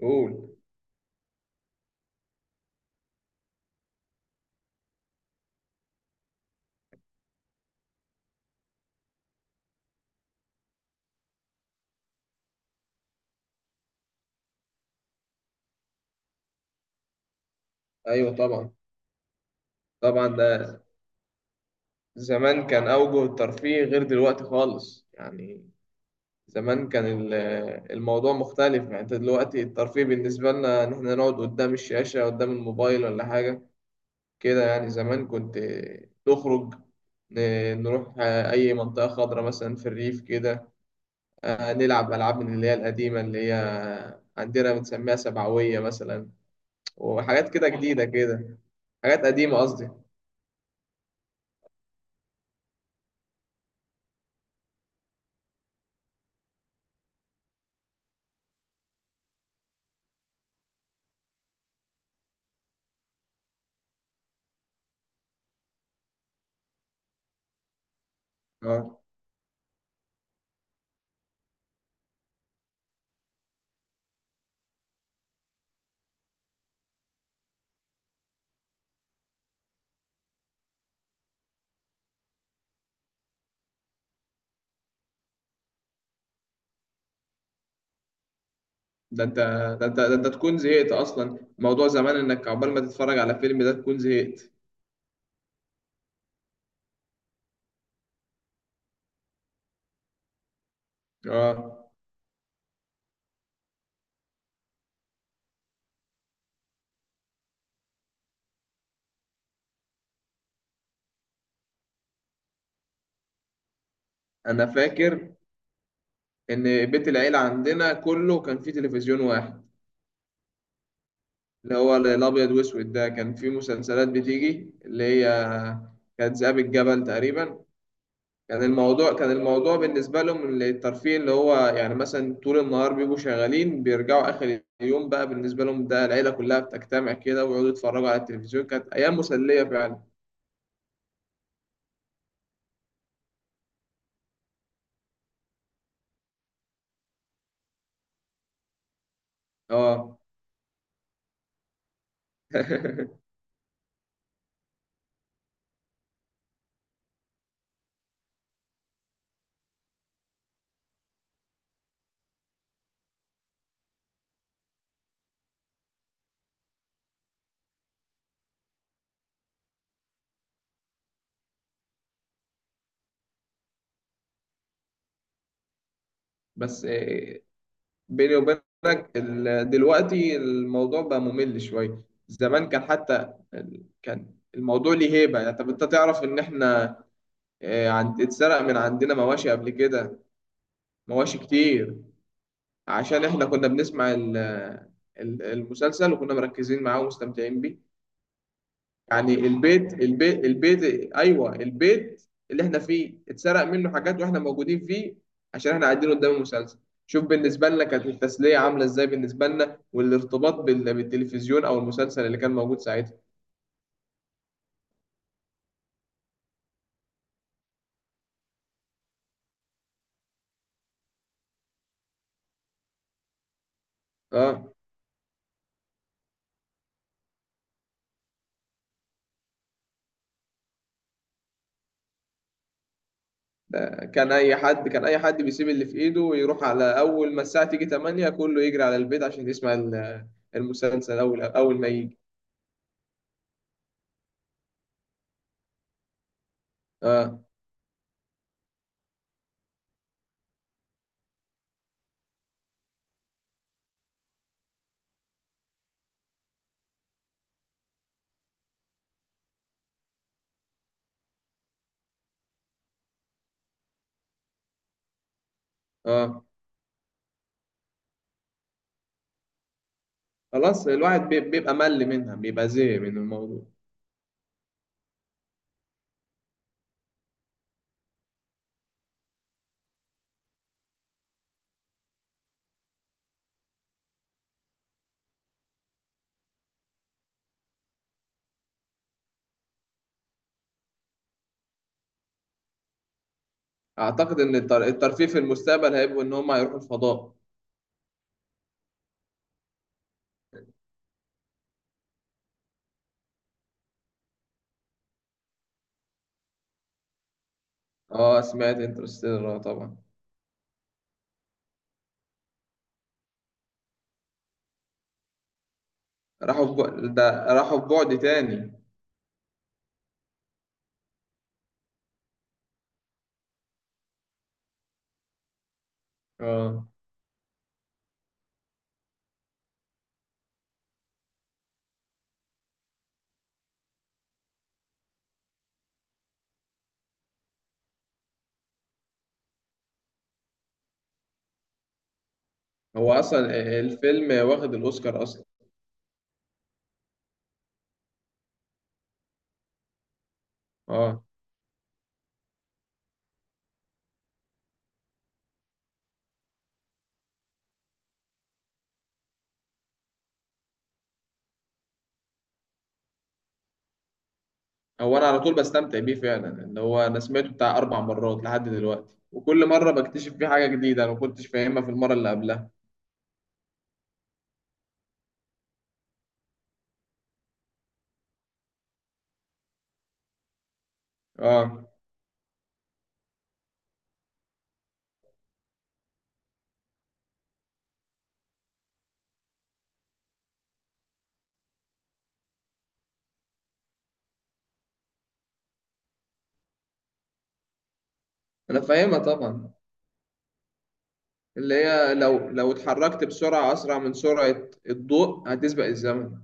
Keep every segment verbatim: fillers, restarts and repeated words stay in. قول. ايوه طبعا، طبعا ده زمان كان اوجه الترفيه غير دلوقتي خالص يعني. زمان كان ال- الموضوع مختلف، يعني انت دلوقتي الترفيه بالنسبه لنا ان احنا نقعد قدام الشاشه قدام الموبايل ولا حاجه كده يعني. زمان كنت تخرج، ن- نروح اي منطقه خضراء مثلا في الريف كده. آه، نلعب العاب من اللي هي القديمه، اللي هي عندنا بنسميها سبعويه مثلا، وحاجات كده جديده كده. حاجات قديمه قصدي. اه ده انت ده انت ده انت تكون زهقت اصلا. موضوع زمان انك عقبال ما تتفرج على فيلم ده تكون زهقت. اه انا فاكر ان بيت العيلة عندنا كله كان فيه تلفزيون واحد، اللي هو الابيض واسود ده. كان فيه مسلسلات بتيجي، اللي هي كانت ذئاب الجبل تقريبا. كان الموضوع، كان الموضوع بالنسبة لهم الترفيه اللي هو يعني مثلا طول النهار بيبقوا شغالين، بيرجعوا آخر اليوم بقى بالنسبة لهم ده العيلة كلها بتجتمع كده ويقعدوا يتفرجوا على التلفزيون. كانت أيام مسلية فعلا. اه، بس آه، بيني وبينك ال- دلوقتي الموضوع بقى ممل شوية. زمان كان حتى ال- كان الموضوع ليه هيبة يعني. طب انت تعرف ان احنا آه، عند اتسرق من عندنا مواشي قبل كده. مواشي كتير، عشان احنا كنا بنسمع ال- ال- المسلسل، وكنا مركزين معاه ومستمتعين بيه. يعني البيت البيت البيت، ايوه، البيت اللي احنا فيه اتسرق منه حاجات واحنا موجودين فيه، عشان احنا قاعدين قدام المسلسل. شوف بالنسبه لنا كانت التسليه عامله ازاي بالنسبه لنا، والارتباط بال- بالتلفزيون او المسلسل اللي كان موجود ساعتها. اه ده كان اي حد كان اي حد بيسيب اللي في ايده ويروح، على اول ما الساعه تيجي تمانية كله يجري على البيت عشان يسمع ال- المسلسل اول اول ما يجي. اه اه خلاص الواحد بي- بيبقى مل منها، بيبقى زهق من الموضوع. اعتقد ان التر- الترفيه في المستقبل هيبقوا ان هم هيروحوا الفضاء. اه، سمعت انترستيلر، اه طبعا. راحوا في بعد ده راحوا في بعد تاني. اه، هو اصلا الفيلم واخد الاوسكار اصلا. اه، هو انا على طول بستمتع بيه فعلا، اللي هو انا سمعته بتاع اربع مرات لحد دلوقتي، وكل مره بكتشف فيه حاجه جديده انا ما كنتش فاهمها في المره اللي قبلها. اه، انا فاهمها طبعا، اللي هي لو لو اتحركت بسرعه اسرع من سرعه الضوء هتسبق الزمن.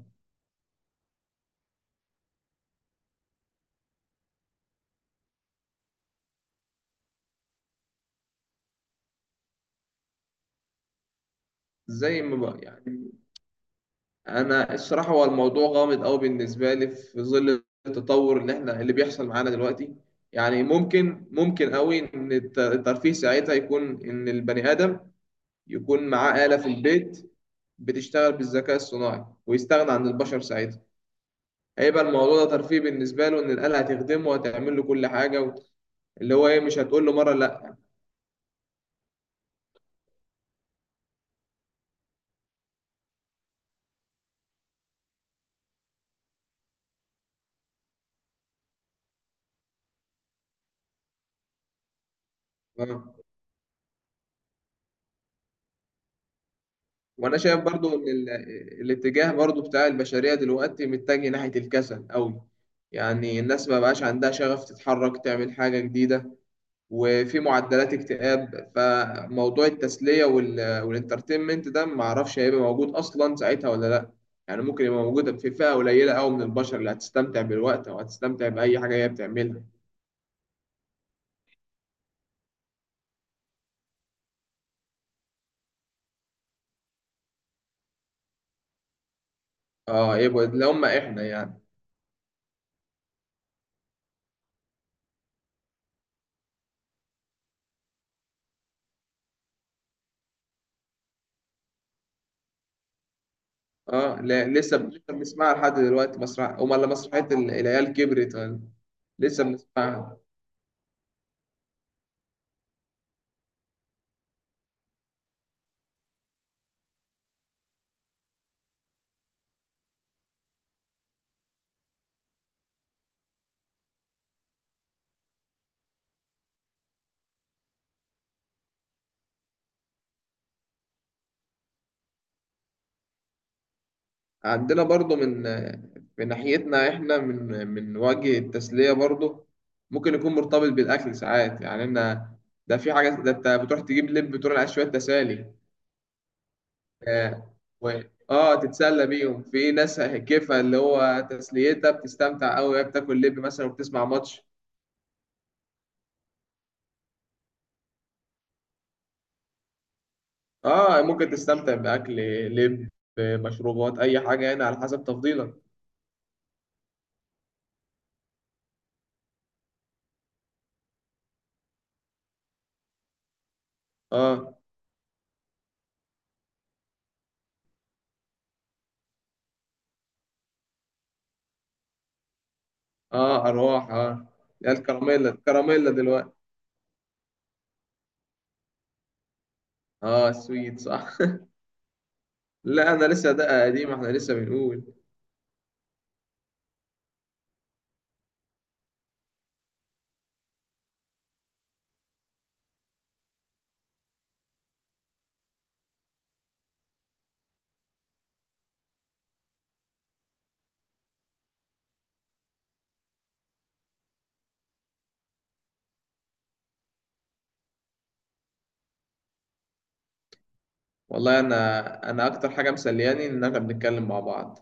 زي ما بقى يعني، انا الصراحه هو الموضوع غامض قوي بالنسبه لي في ظل التطور اللي احنا اللي بيحصل معانا دلوقتي. يعني ممكن ممكن قوي ان الت- الترفيه ساعتها يكون ان البني ادم يكون معاه آلة في البيت بتشتغل بالذكاء الصناعي، ويستغنى عن البشر ساعتها. هيبقى الموضوع ده ترفيه بالنسبه له، ان الآلة هتخدمه وهتعمل له كل حاجه و... اللي هو ايه، مش هتقول له مره. لا، وانا شايف برضو ان ال- الاتجاه برضو بتاع البشريه دلوقتي متجه ناحيه الكسل قوي. يعني الناس ما بقاش عندها شغف تتحرك تعمل حاجه جديده، وفي معدلات اكتئاب، فموضوع التسليه وال- والانترتينمنت ده ما اعرفش هيبقى موجود اصلا ساعتها ولا لا. يعني ممكن يبقى موجود في فئه قليله قوي من البشر اللي هتستمتع بالوقت او هتستمتع باي حاجه هي بتعملها. اه، يبقى اللي هم احنا يعني. اه لا، لسه لسه بنسمعها لحد دلوقتي، مسرح امال لا، مسرحيه ال- العيال كبرت ولا-. لسه بنسمعها. عندنا برضو من من ناحيتنا احنا، من من وجه التسليه برضو. ممكن يكون مرتبط بالاكل ساعات، يعني انا ده في حاجه، ده انت بتروح تجيب لب، بتروح على شويه تسالي. اه، و- آه، تتسلى بيهم. في ناس كيفها اللي هو تسليتها بتستمتع قوي وهي بتاكل لب مثلا وبتسمع ماتش. اه، ممكن تستمتع باكل لب، مشروبات، اي حاجه يعني على حسب تفضيلك. اه، اه ارواح اه. يا الكراميلا الكراميلا دلوقتي. اه السويت، صح. لا انا لسه ده قديم، احنا لسه بنقول. والله انا انا اكتر حاجه مسلياني ان احنا بنتكلم مع بعض.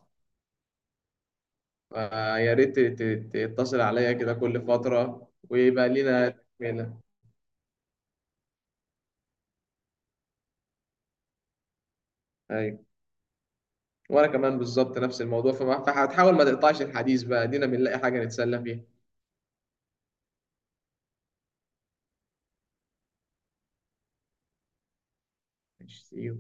آه، يا ريت ت- ت- تتصل عليا كده كل فتره ويبقى لينا تكمله. ايوه، وانا كمان بالظبط نفس الموضوع، فما- فهتحاول ما تقطعش الحديث بقى، دينا بنلاقي حاجه نتسلى فيها. ماشي see you.